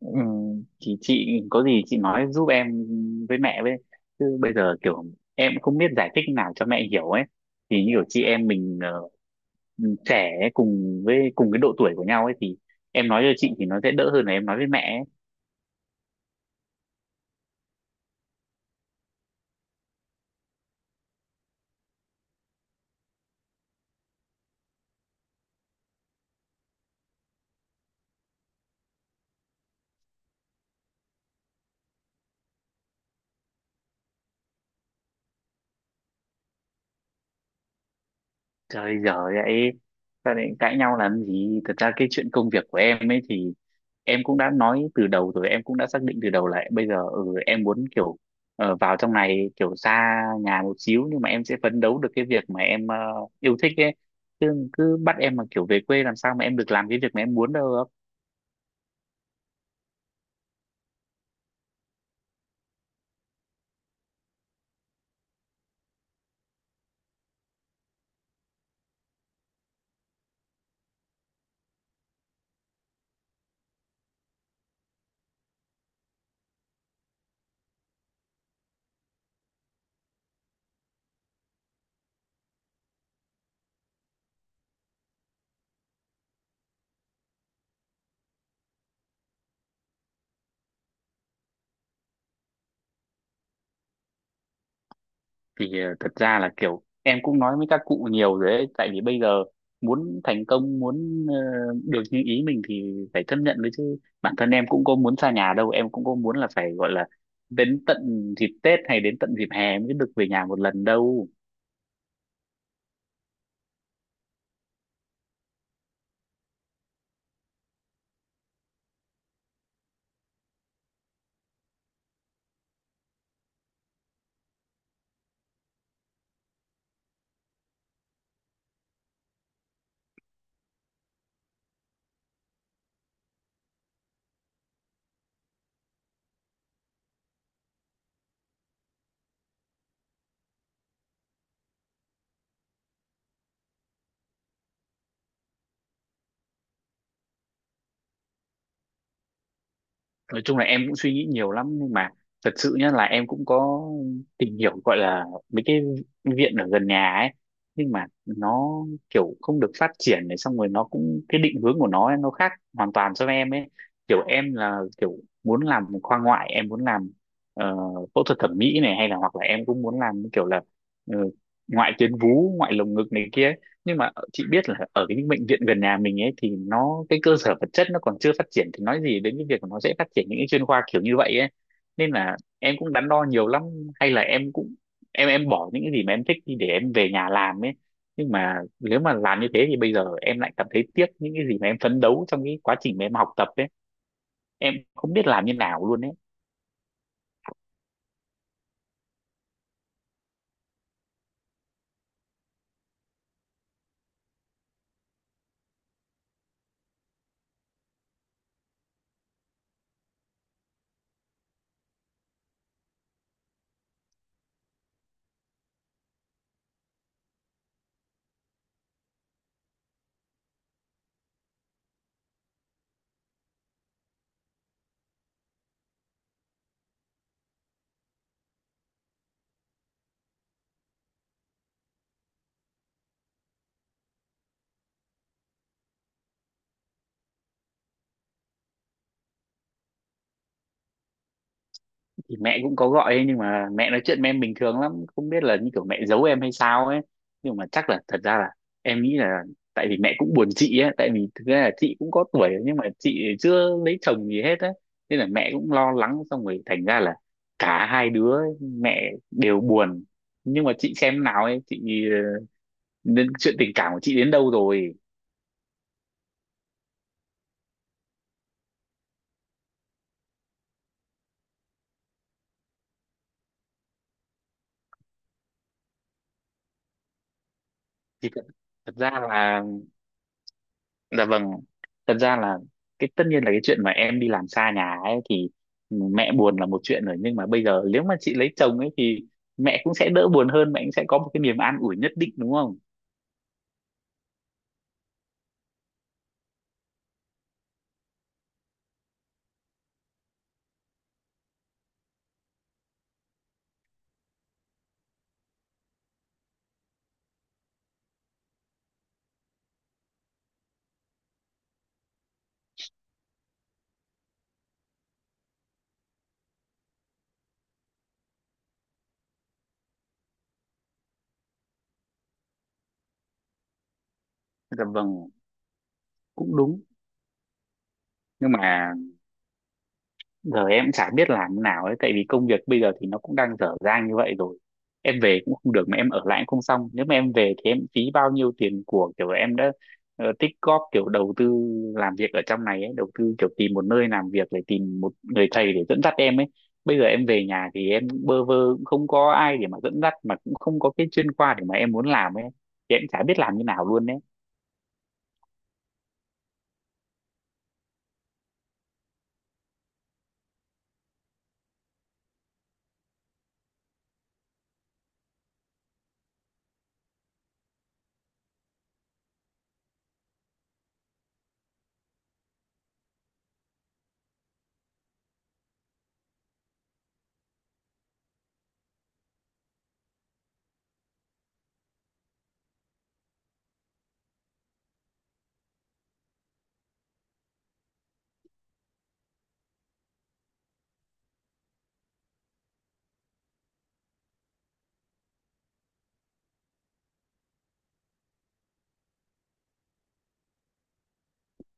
Ừ, thì chị có gì chị nói giúp em với mẹ với, chứ bây giờ kiểu em cũng không biết giải thích nào cho mẹ hiểu ấy. Thì như kiểu chị em mình trẻ ấy, cùng với cùng cái độ tuổi của nhau ấy, thì em nói cho chị thì nó sẽ đỡ hơn là em nói với mẹ ấy. Trời, giờ vậy sao lại cãi nhau làm gì. Thật ra cái chuyện công việc của em ấy thì em cũng đã nói từ đầu rồi, em cũng đã xác định từ đầu là bây giờ em muốn kiểu vào trong này, kiểu xa nhà một xíu nhưng mà em sẽ phấn đấu được cái việc mà em yêu thích ấy, chứ cứ bắt em mà kiểu về quê làm sao mà em được làm cái việc mà em muốn đâu. Thì thật ra là kiểu em cũng nói với các cụ nhiều rồi đấy, tại vì bây giờ muốn thành công, muốn được như ý mình thì phải chấp nhận đấy, chứ bản thân em cũng có muốn xa nhà đâu, em cũng có muốn là phải gọi là đến tận dịp Tết hay đến tận dịp hè mới được về nhà một lần đâu. Nói chung là em cũng suy nghĩ nhiều lắm nhưng mà thật sự nhá là em cũng có tìm hiểu, gọi là mấy cái viện ở gần nhà ấy, nhưng mà nó kiểu không được phát triển này, xong rồi nó cũng cái định hướng của nó ấy, nó khác hoàn toàn so với em ấy. Kiểu em là kiểu muốn làm khoa ngoại, em muốn làm ờ, phẫu thuật thẩm mỹ này, hay là hoặc là em cũng muốn làm kiểu là ờ, ngoại tuyến vú, ngoại lồng ngực này kia. Nhưng mà chị biết là ở cái những bệnh viện gần nhà mình ấy thì nó cái cơ sở vật chất nó còn chưa phát triển, thì nói gì đến cái việc mà nó sẽ phát triển những cái chuyên khoa kiểu như vậy ấy. Nên là em cũng đắn đo nhiều lắm, hay là em cũng em bỏ những cái gì mà em thích đi để em về nhà làm ấy. Nhưng mà nếu mà làm như thế thì bây giờ em lại cảm thấy tiếc những cái gì mà em phấn đấu trong cái quá trình mà em học tập ấy. Em không biết làm như nào luôn ấy. Thì mẹ cũng có gọi ấy, nhưng mà mẹ nói chuyện với em bình thường lắm, không biết là như kiểu mẹ giấu em hay sao ấy. Nhưng mà chắc là thật ra là em nghĩ là tại vì mẹ cũng buồn chị ấy, tại vì thực ra là chị cũng có tuổi rồi, nhưng mà chị chưa lấy chồng gì hết á, nên là mẹ cũng lo lắng, xong rồi thành ra là cả hai đứa mẹ đều buồn. Nhưng mà chị xem nào ấy, chị nên chuyện tình cảm của chị đến đâu rồi? Thì thật thật ra là. Dạ vâng, thật ra là cái tất nhiên là cái chuyện mà em đi làm xa nhà ấy thì mẹ buồn là một chuyện rồi, nhưng mà bây giờ nếu mà chị lấy chồng ấy thì mẹ cũng sẽ đỡ buồn hơn, mẹ cũng sẽ có một cái niềm an ủi nhất định, đúng không? Dạ vâng, cũng đúng. Nhưng mà giờ em cũng chả biết làm thế nào ấy, tại vì công việc bây giờ thì nó cũng đang dở dang như vậy rồi. Em về cũng không được mà em ở lại cũng không xong. Nếu mà em về thì em phí bao nhiêu tiền của, kiểu em đã tích góp, kiểu đầu tư làm việc ở trong này ấy, đầu tư kiểu tìm một nơi làm việc, để tìm một người thầy để dẫn dắt em ấy. Bây giờ em về nhà thì em cũng bơ vơ, cũng không có ai để mà dẫn dắt, mà cũng không có cái chuyên khoa để mà em muốn làm ấy. Thì em chả biết làm như nào luôn đấy.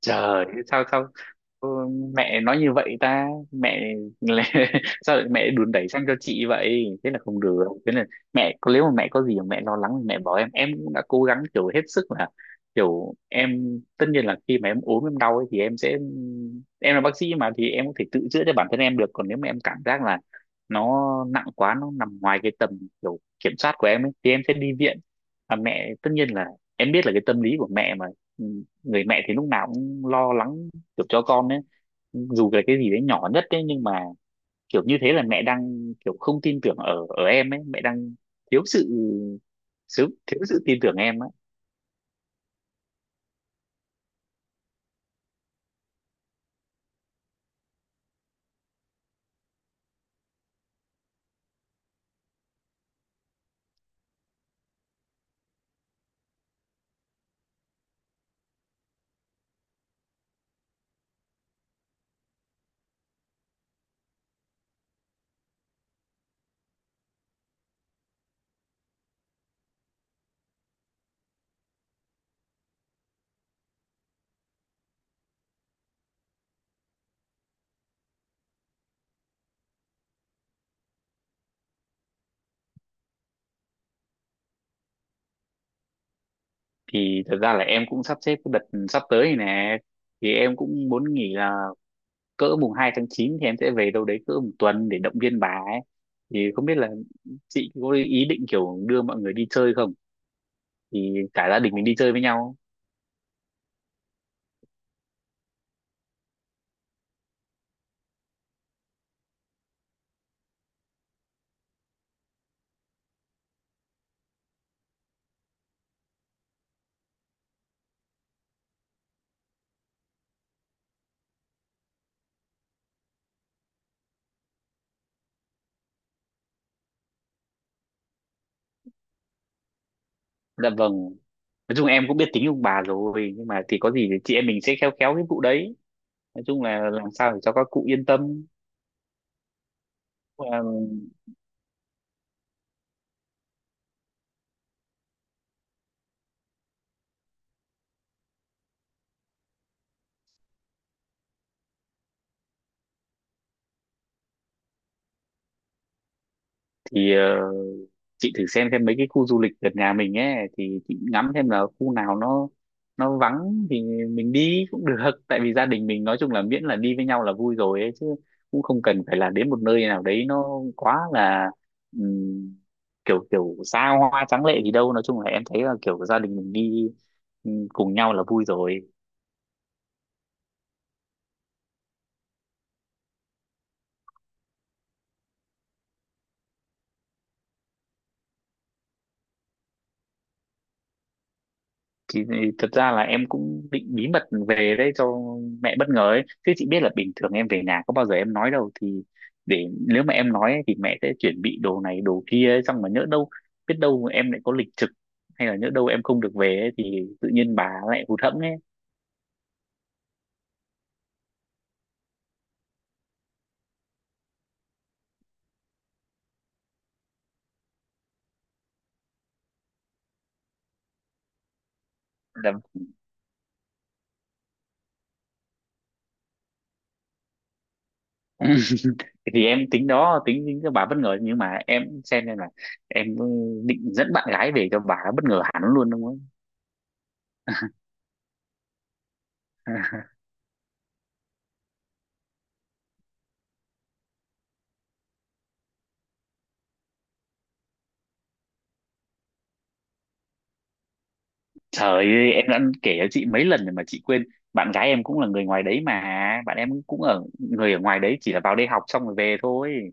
Trời, sao sao ừ, mẹ nói như vậy ta mẹ. Là, sao lại mẹ đùn đẩy sang cho chị vậy, thế là không được. Thế là nếu mà mẹ có gì mà mẹ lo lắng thì mẹ bảo em cũng đã cố gắng kiểu hết sức là. Kiểu em tất nhiên là khi mà em ốm em đau ấy, thì em sẽ em là bác sĩ mà, thì em có thể tự chữa cho bản thân em được. Còn nếu mà em cảm giác là nó nặng quá, nó nằm ngoài cái tầm kiểu kiểm soát của em ấy, thì em sẽ đi viện. Và mẹ tất nhiên là em biết là cái tâm lý của mẹ mà, ừ, người mẹ thì lúc nào cũng lo lắng kiểu cho con ấy, dù là cái gì đấy nhỏ nhất đấy. Nhưng mà kiểu như thế là mẹ đang kiểu không tin tưởng ở ở em ấy, mẹ đang thiếu sự thiếu sự tin tưởng em ấy. Thì thật ra là em cũng sắp xếp cái đợt sắp tới này nè, thì em cũng muốn nghỉ là cỡ mùng 2 tháng 9 thì em sẽ về đâu đấy cỡ một tuần để động viên bà ấy. Thì không biết là chị có ý định kiểu đưa mọi người đi chơi không, thì cả gia đình mình đi chơi với nhau. Dạ vâng, nói chung em cũng biết tính ông bà rồi, nhưng mà thì có gì thì chị em mình sẽ khéo khéo cái vụ đấy. Nói chung là làm sao để cho các cụ yên tâm. Ờ, thì chị thử xem mấy cái khu du lịch gần nhà mình ấy thì chị ngắm xem là khu nào nó vắng thì mình đi cũng được. Tại vì gia đình mình, nói chung là miễn là đi với nhau là vui rồi ấy chứ, cũng không cần phải là đến một nơi nào đấy nó quá là ừm, kiểu kiểu xa hoa tráng lệ gì đâu. Nói chung là em thấy là kiểu gia đình mình đi cùng nhau là vui rồi. thì, Thật ra là em cũng định bí mật về đấy cho mẹ bất ngờ ấy, chứ chị biết là bình thường em về nhà có bao giờ em nói đâu. Thì để nếu mà em nói ấy, thì mẹ sẽ chuẩn bị đồ này đồ kia ấy, xong mà nhỡ đâu biết đâu mà em lại có lịch trực, hay là nhỡ đâu em không được về ấy, thì tự nhiên bà lại hụt hẫng ấy. Là- thì em tính đó tính tính cho bà bất ngờ, nhưng mà em xem là em định dẫn bạn gái về cho bà bất ngờ hẳn luôn, đúng không? Trời ơi, em đã kể cho chị mấy lần rồi mà chị quên. Bạn gái em cũng là người ngoài đấy mà. Bạn em cũng người ở ngoài đấy, chỉ là vào đây học xong rồi về thôi.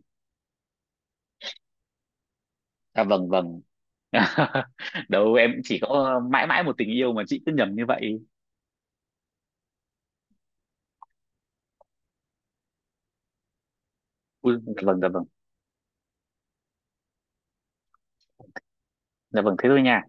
À vâng vâng. Đâu, em chỉ có mãi mãi một tình yêu mà chị cứ nhầm như vậy. Ui, dạ vâng dạ vâng. Dạ vâng, thế thôi nha.